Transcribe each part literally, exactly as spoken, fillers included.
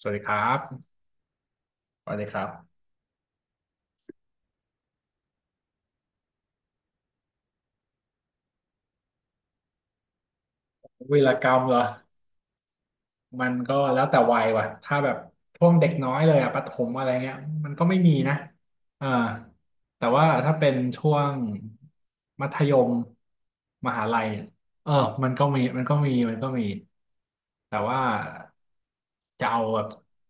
สวัสดีครับสวัสดีครับวีรกรรมเหรอมันก็แล้วแต่วัยว่ะถ้าแบบช่วงเด็กน้อยเลยอะประถมอะไรเงี้ยมันก็ไม่มีนะอ่าแต่ว่าถ้าเป็นช่วงมัธยมมหาลัยเนี่ยเออมันก็มีมันก็มีมันก็มี แต่ว่าจะเอาแบบ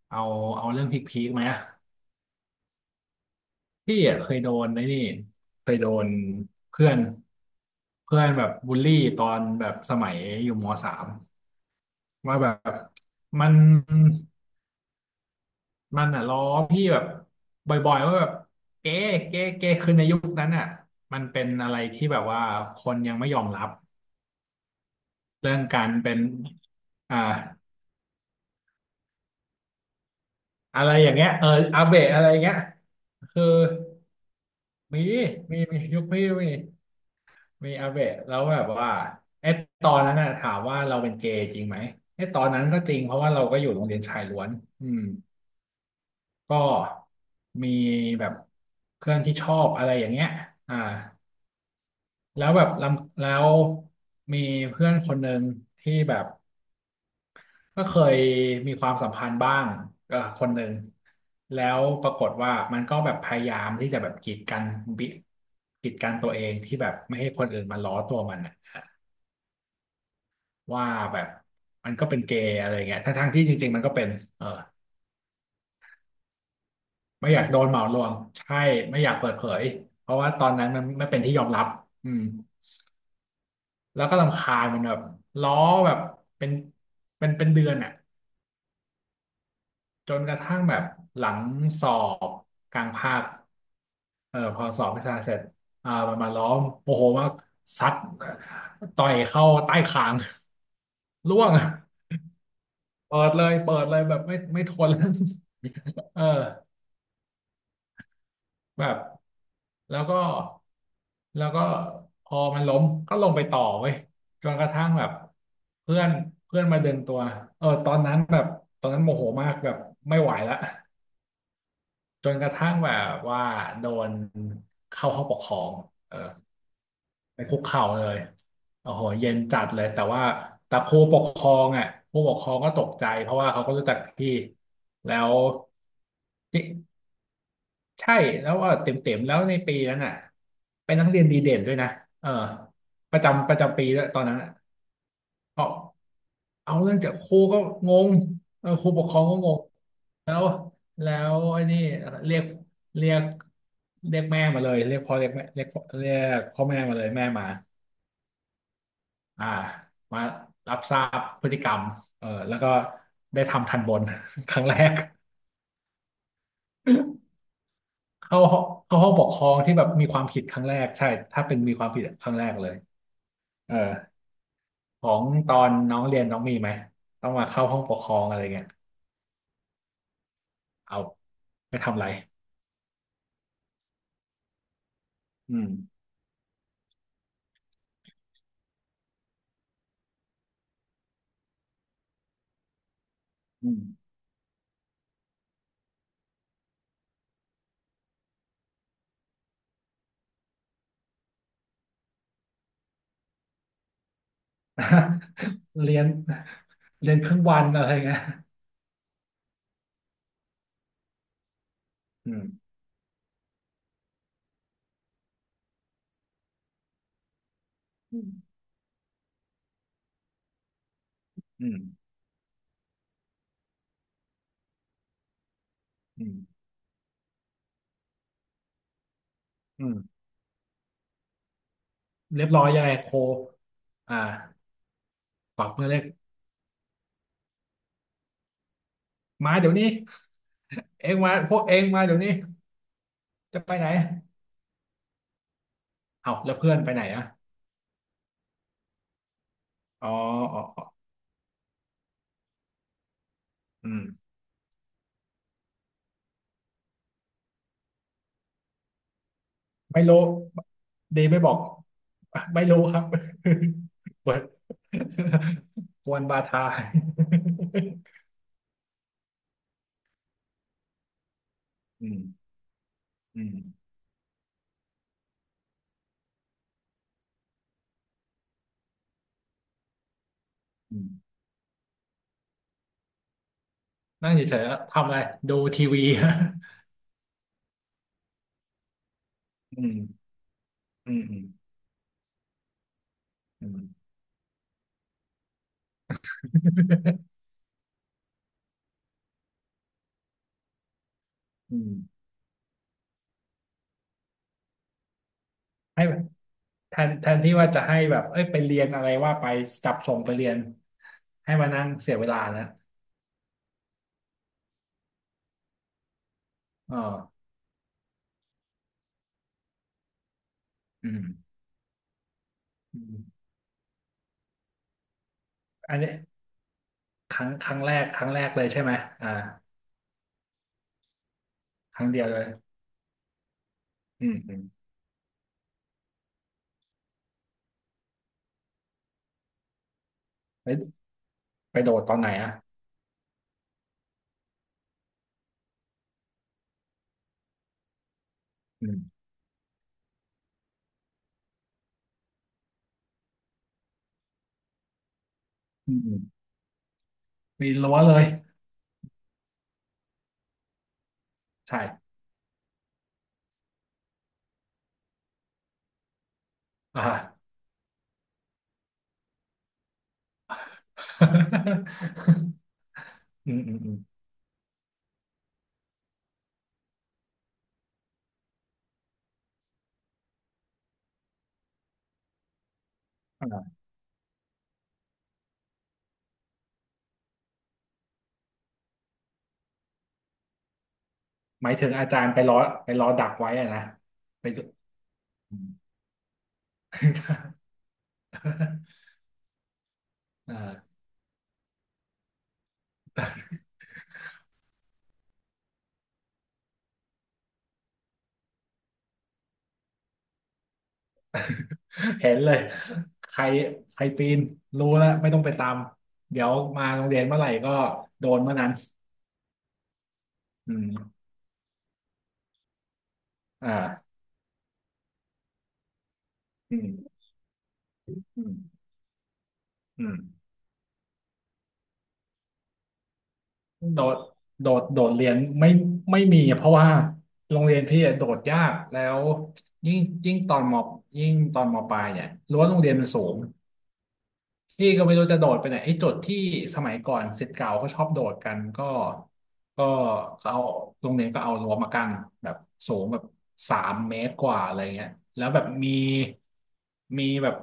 เอาเอาเรื่องพีคๆไหมอะพี่อะเคยโดนไอ้นี่เคยโดนเพื่อนเพื่อนแบบบูลลี่ตอนแบบสมัยอยู่มสาม ว่าแบบมันมันอ่ะล้อพี่แบบบ่อยๆว่าแบบเก๊เก๊เก๊คือในยุคนั้นอ่ะมันเป็นอะไรที่แบบว่าคนยังไม่ยอมรับเรื่องการเป็นอ่าอะไรอย่างเงี้ยเอออาเบะอะไรอย่างเงี้ยคือมีมีมียุคพี่มีมีอาเบะแล้วแบบว่าไอ้ตอนนั้นน่ะถามว่าเราเป็นเกย์จริงไหมไอ้ตอนนั้นก็จริงเพราะว่าเราก็อยู่โรงเรียนชายล้วนอืม ก็มีแบบเพื่อนที่ชอบอะไรอย่างเงี้ยอ่าแล้วแบบลำแล้วมีเพื่อนคนหนึ่งที่แบบก็เคยมีความสัมพันธ์บ้างกับคนหนึ่งแล้วปรากฏว่ามันก็แบบพยายามที่จะแบบกีดกันบิกีดกันตัวเองที่แบบไม่ให้คนอื่นมาล้อตัวมันน่ะว่าแบบมันก็เป็นเกย์อะไรเงี้ยทั้งทงที่จริงๆมันก็เป็นเออไม่อยากโดนเหมารวมใช่ไม่อยากเปิดเผยเพราะว่าตอนนั้นมันไม่เป็นที่ยอมรับอืม แล้วก็รำคาญมันแบบล้อแบบเป็นเป็นเป็นเดือนอ่ะจนกระทั่งแบบหลังสอบกลางภาคเออพอสอบวิชาเสร็จอ่ามันมาล้อมโมโหมากซัดต่อยเข้าใต้คาง ร่วงเปิดเลยเปิดเลยแบบไม่ไม่ทนแล้ว เออ แบบแล้วก็แล้วก็พอมันล้มก็ลงไปต่อเว้ยจนกระทั่งแบบเพื่อนเพื่อนมาดึงตัวเออตอนนั้นแบบตอนนั้นโมโหมากแบบไม่ไหวละจนกระทั่งแบบว่าโดนเข้าห้องปกครองเออไปคุกเข่าเลยโอ้โหเย็นจัดเลยแต่ว่าแต่ครูปกครองอ่ะครูปกครองก็ตกใจเพราะว่าเขาก็รู้จักพี่แล้ว ใช่แล้วก็เต็มเต็มแล้วในปีนั้นอ่ะเป็นนักเรียนดีเด่นด้วยนะเออประจำประจำปีแล้วตอนนั้นอ่ะเอาเอาเรื่องจากครูก็งงเออครูปกครองก็งงแล้วแล้วไอ้นี่เรียกเรียกเรียกแม่มาเลยเรียกพ่อเรียกแม่เรียกพ่อเรียกพ่อแม่มาเลยแม่มาอ่ามารับทราบพฤติกรรมเออแล้วก็ได้ทำทันบน ครั้งแรกเข้าห้องเข้าห้องปกครองที่แบบมีความผิดครั้งแรกใช่ถ้าเป็นมีความผิดครั้งแรกเลย เออของตอนน้องเรียนน้องมีไหมต้องมาเข้าห้องปกครองอะไรเงี้ยเอาไปทำอะไรอืมอืม เรียนเรียนครึ่งวันอะไรเงี้ยอืมอืมอืมอืมอืมเรียบร้อยยังไงโคอ่าปรับมือเรียกมาเดี๋ยวนี้เองมาพวกเองมาเดี๋ยวนี้จะไปไหนเอาแล้วเพื่อนไปไหนอะอ๋ออ๋ออ๋ออืม ไม่รู้เดย์ไม่บอกไม่รู้ครับ เปิดกวนบาทา อืมอืมอืมนั่งเฉยๆแล้วทำอะไรดูทีวี อืมอืมอืมอืม อืมให้แบบแทนแทนที่ว่าจะให้แบบเอ้ยไปเรียนอะไรว่าไปจับส่งไปเรียนให้มานั่งเสียเวลานะอ๋ออืมอืมอันนี้ครั้งครั้งแรกครั้งแรกเลยใช่ไหมอ่าครั้งเดียวเลยอืมอืม ไปโดดตอนไหนอ่ะอืมอืมอืมปีนรั้วเลยใช่อ่า อืมอืมอืมอ่าหมายถึงอาจารย์ไปล้อไปล้อดักไว้อะนะไปดูอืม อ่าเห็นเลยใครใครปีนรู้แล้วไม่ต้องไปตาม เดี๋ยวมาโรงเรียนเมื่อไหร่ก็โดนเมื่อนั้นอืมอ่าอืมอืมอืม โดดโดดโดดเรียนไม่ไม่มีเพราะว่าโรงเรียนพี่อะโดดยากแล้วยิ่งยิ่งตอนมยิ่งตอนมปลายเนี่ยรั้วโรงเรียนมันสูงพี่ก็ไม่รู้จะโดดไปไหนไอ้โจุดที่สมัยก่อนศิษย์เก่าก็ชอบโดดกันก็ก็เขาเอาโรงเรียนก็เอารั้วมากั้นแบบสูงแบบสามเมตรกว่าอะไรเงี้ยแล้วแบบมีมีแบบ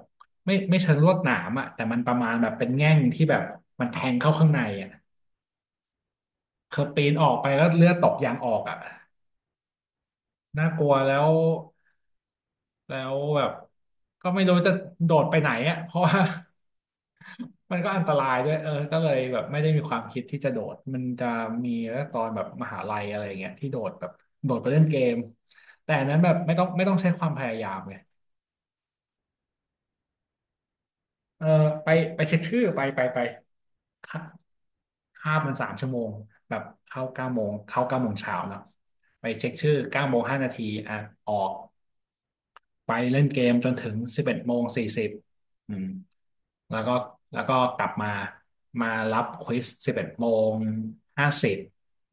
ไม่ไม่เชิงลวดหนามอะแต่มันประมาณแบบเป็นแง่งที่แบบมันแทงเข้าข้างในอะ คือปีนออกไปแล้วเลือดตกยางออกอ่ะน่ากลัวแล้วแล้วแบบก็ไม่รู้จะโดดไปไหนอ่ะเพราะว่า มันก็อันตรายด้วยเออก็เลยแบบไม่ได้มีความคิดที่จะโดดมันจะมีแล้วตอนแบบมหาลัยอะไรอย่างเงี้ยที่โดดแบบโดดไปเล่นเกมแต่อันนั้นแบบไม่ต้องไม่ต้องใช้ความพยายามไงเออไปไปเช็คชื่อไปไปไปค่ะคาบมันสามชั่วโมงแบบเข้าเก้าโมงเข้าเก้าโมงเช้าเนาะไปเช็คชื่อเก้าโมงห้านาทีอ่ะออก ไปเล่นเกมจนถึงสิบเอ็ดโมงสี่สิบอืมแล้วก็แล้วก็กลับมามารับควิสสิบเอ็ดโมงห้าสิบ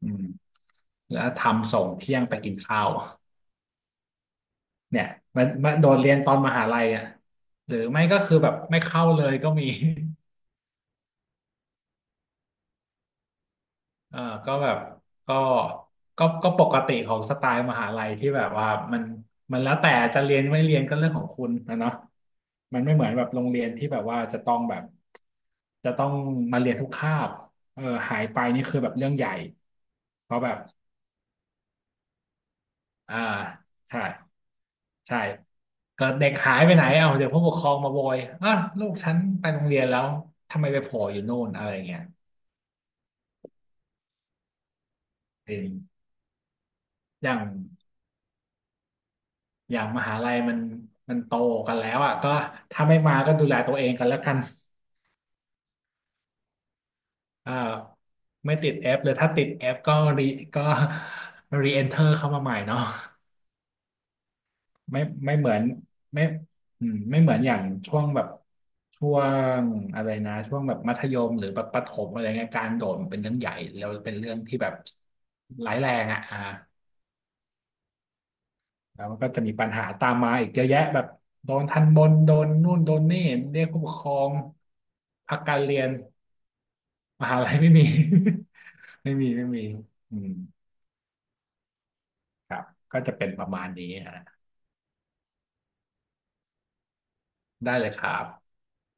อืมแล้วทำส่งเที่ยงไปกินข้าวเนี่ยมันมันโดนเรียนตอนมหาลัยอ่ะหรือไม่ก็คือแบบไม่เข้าเลยก็มี เออก็แบบก็ก็ก็ปกติของสไตล์มหาลัยที่แบบว่ามันมันแล้วแต่จะเรียนไม่เรียนก็เรื่องของคุณนะเนาะมันไม่เหมือนแบบโรงเรียนที่แบบว่าจะต้องแบบจะต้องมาเรียนทุกคาบเออหายไปนี่คือแบบเรื่องใหญ่เพราะแบบอ่าใช่ใช่ก็เด็กหายไปไหนเอาเดี๋ยวผู้ปกครองมาโวยอ่ะลูกฉันไปโรงเรียนแล้วทำไมไปโผล่อยู่โน่นอะไรเงี้ยเอออย่าง อย่างมหาลัยมันมันโตกันแล้วอ่ะก็ถ้าไม่มาก็ดูแลตัวเองกันแล้วกันเอ่อไม่ติดแอปเลยถ้าติดแอปก็รีก็ รีเอนเทอร์เข้ามาใหม่เนาะไม่ไม่เหมือนไม่อืมไม่เหมือนอย่างช่วงแบบช่วงอะไรนะช่วงแบบมัธยมหรือแบบประถมอะไรเงี้ยการโดดมันเป็นเรื่องใหญ่แล้วเป็นเรื่องที่แบบร้ายแรงอ่ะอ่า แล้วมันก็จะมีปัญหาตามมาอีกเยอะแยะแบบโดนทันบนโดนนู่นโดนนี่เรียกผู้ปกครองพักการเรียนมหาลัยไม่มี ไม่มีไม่มีอืมครับก็จะเป็นประมาณนี้ฮะได้เลยครับ